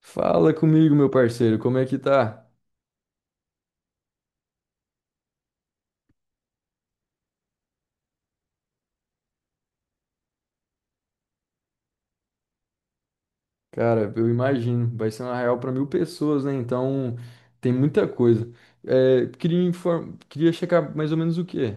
Fala comigo, meu parceiro, como é que tá? Cara, eu imagino, vai ser uma real para 1.000 pessoas, né? Então tem muita coisa. É, queria checar mais ou menos o quê?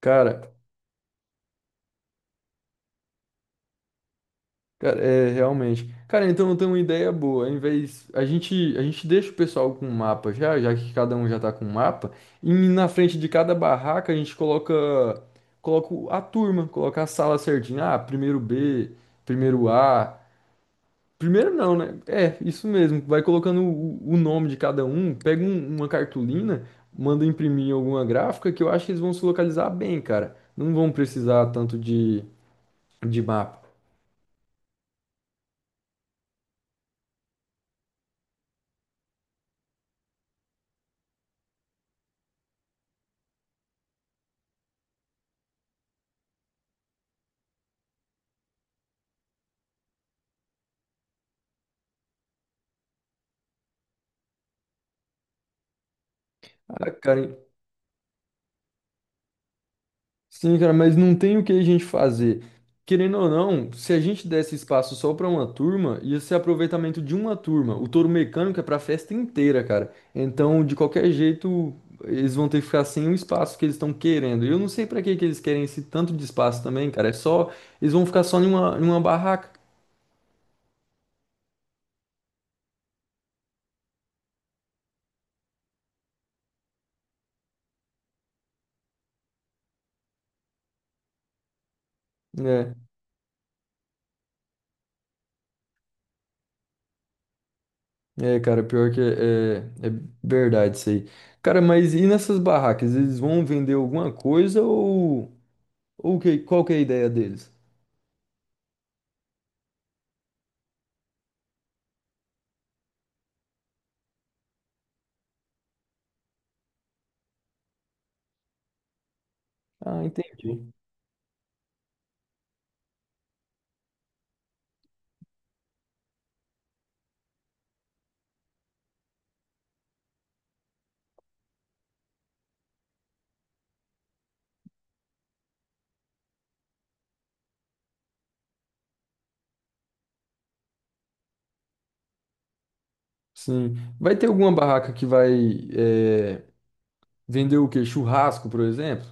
Cara, cara, é realmente. Cara, então eu tenho uma ideia boa. Ao invés a gente deixa o pessoal com um mapa já, já que cada um já tá com um mapa, e na frente de cada barraca a gente coloca a turma, coloca a sala certinha. Ah, primeiro B, primeiro A. Primeiro não, né? É, isso mesmo. Vai colocando o nome de cada um, pega uma cartolina, manda imprimir em alguma gráfica que eu acho que eles vão se localizar bem, cara. Não vão precisar tanto de mapa. Ah, cara. Sim, cara, mas não tem o que a gente fazer. Querendo ou não, se a gente desse espaço só para uma turma, ia ser aproveitamento de uma turma. O touro mecânico é para a festa inteira, cara. Então, de qualquer jeito, eles vão ter que ficar sem o espaço que eles estão querendo. E eu não sei para que que eles querem esse tanto de espaço também, cara. É só, eles vão ficar só em uma barraca. Né. É, cara, pior que é, é verdade isso aí. Cara, mas e nessas barracas? Eles vão vender alguma coisa ou que, qual que é a ideia deles? Ah, entendi. Sim. Vai ter alguma barraca que vai é, vender o quê? Churrasco, por exemplo?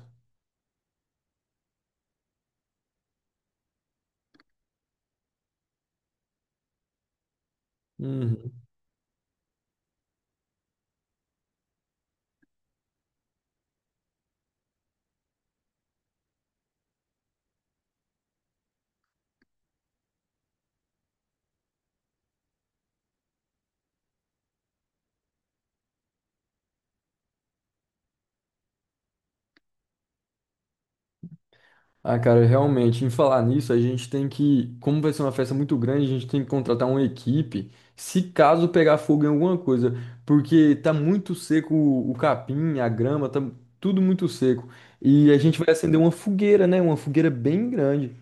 Uhum. Ah, cara, realmente, em falar nisso, a gente tem que, como vai ser uma festa muito grande, a gente tem que contratar uma equipe, se caso pegar fogo em alguma coisa, porque tá muito seco o capim, a grama, tá tudo muito seco. E a gente vai acender uma fogueira, né? Uma fogueira bem grande.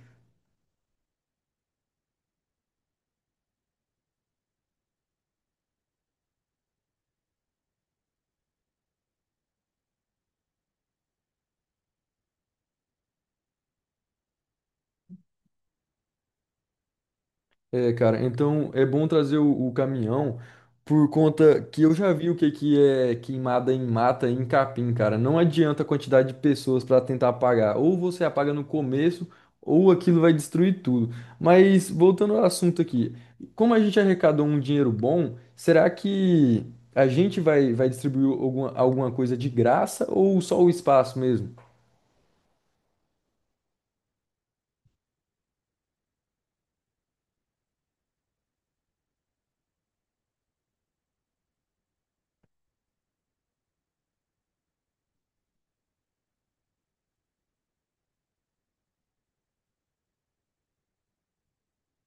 É, cara, então é bom trazer o caminhão por conta que eu já vi o que que é queimada em mata e em capim, cara. Não adianta a quantidade de pessoas para tentar apagar. Ou você apaga no começo, ou aquilo vai destruir tudo. Mas voltando ao assunto aqui, como a gente arrecadou um dinheiro bom, será que a gente vai distribuir alguma coisa de graça ou só o espaço mesmo?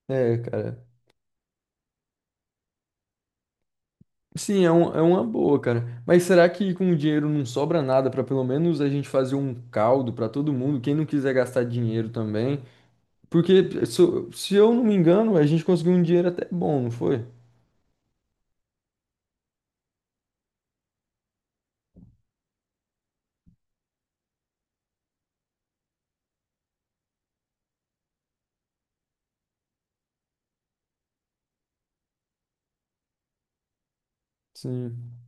É, cara. Sim, é uma boa, cara. Mas será que com o dinheiro não sobra nada para pelo menos a gente fazer um caldo para todo mundo, quem não quiser gastar dinheiro também? Porque, se eu não me engano, a gente conseguiu um dinheiro até bom, não foi? Sim.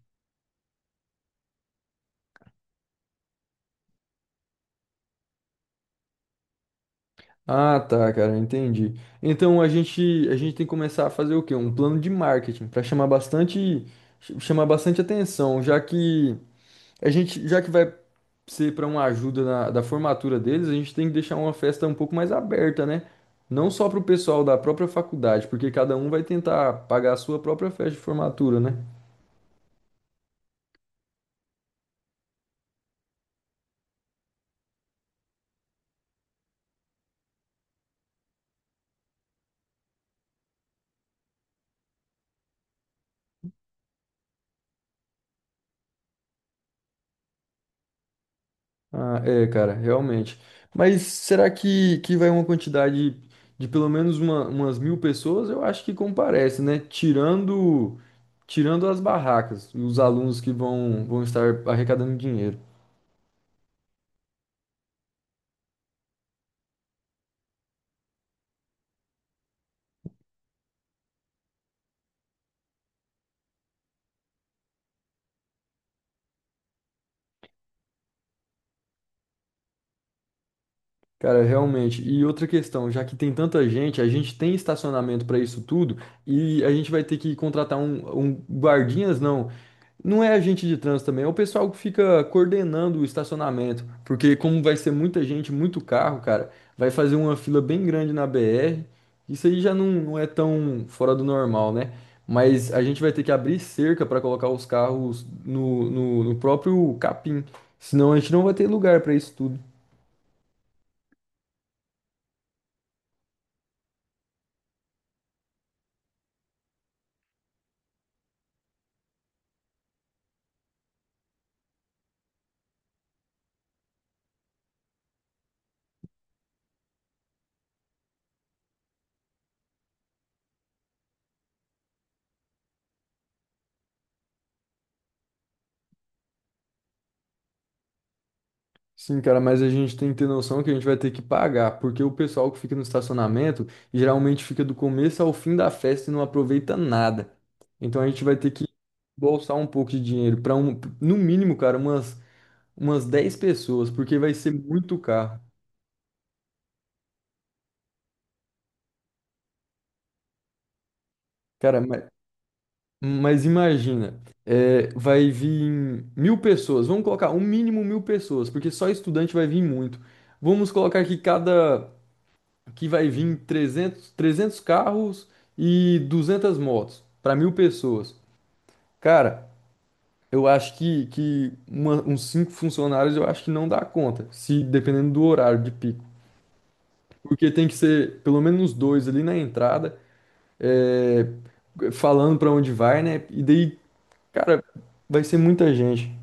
Ah, tá, cara, entendi. Então a gente tem que começar a fazer o quê? Um plano de marketing para chamar bastante, chamar bastante atenção, já que já que vai ser para uma ajuda na, da formatura deles, a gente tem que deixar uma festa um pouco mais aberta, né? Não só para o pessoal da própria faculdade, porque cada um vai tentar pagar a sua própria festa de formatura, né? Ah, é, cara, realmente. Mas será que vai uma quantidade de pelo menos umas 1.000 pessoas? Eu acho que comparece, né? Tirando as barracas e os alunos que vão estar arrecadando dinheiro. Cara, realmente. E outra questão, já que tem tanta gente, a gente tem estacionamento para isso tudo e a gente vai ter que contratar um guardinhas, não. Não é agente de trânsito também, é o pessoal que fica coordenando o estacionamento, porque como vai ser muita gente, muito carro, cara, vai fazer uma fila bem grande na BR. Isso aí já não é tão fora do normal, né? Mas a gente vai ter que abrir cerca para colocar os carros no próprio capim, senão a gente não vai ter lugar para isso tudo. Sim, cara, mas a gente tem que ter noção que a gente vai ter que pagar, porque o pessoal que fica no estacionamento geralmente fica do começo ao fim da festa e não aproveita nada. Então a gente vai ter que bolsar um pouco de dinheiro para um, no mínimo, cara, umas 10 pessoas, porque vai ser muito caro. Cara, mas imagina, é, vai vir 1.000 pessoas, vamos colocar um mínimo 1.000 pessoas, porque só estudante vai vir muito. Vamos colocar que cada que vai vir trezentos carros e 200 motos para 1.000 pessoas. Cara, eu acho que uns cinco funcionários eu acho que não dá conta, se dependendo do horário de pico. Porque tem que ser pelo menos uns dois ali na entrada, é, falando para onde vai, né? E daí, cara, vai ser muita gente.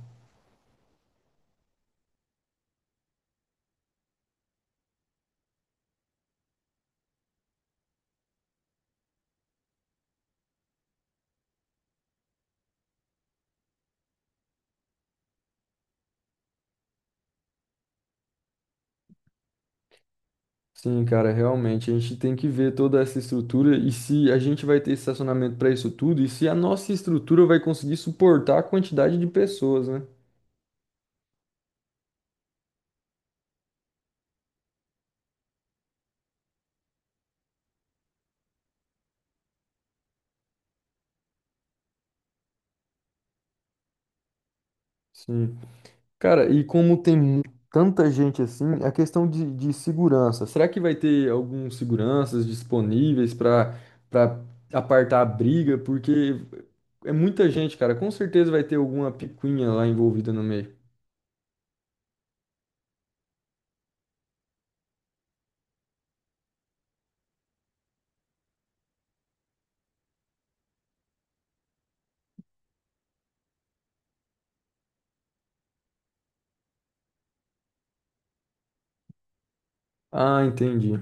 Sim, cara, realmente a gente tem que ver toda essa estrutura e se a gente vai ter estacionamento para isso tudo e se a nossa estrutura vai conseguir suportar a quantidade de pessoas, né? Sim. Cara, e como tem tanta gente assim, a questão de segurança, será que vai ter alguns seguranças disponíveis para para apartar a briga? Porque é muita gente, cara, com certeza vai ter alguma picuinha lá envolvida no meio. Ah, entendi.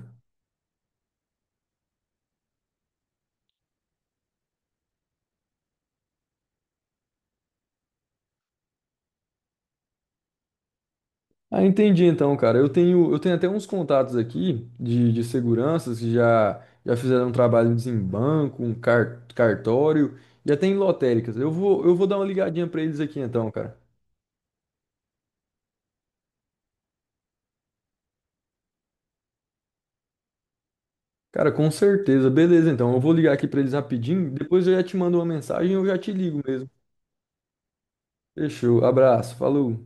Ah, entendi então, cara. Eu tenho até uns contatos aqui de seguranças que já fizeram trabalhos em banco, um cartório e até em lotéricas. Eu vou dar uma ligadinha pra eles aqui então, cara. Cara, com certeza. Beleza, então. Eu vou ligar aqui pra eles rapidinho, depois eu já te mando uma mensagem, ou eu já te ligo mesmo. Fechou. Abraço. Falou.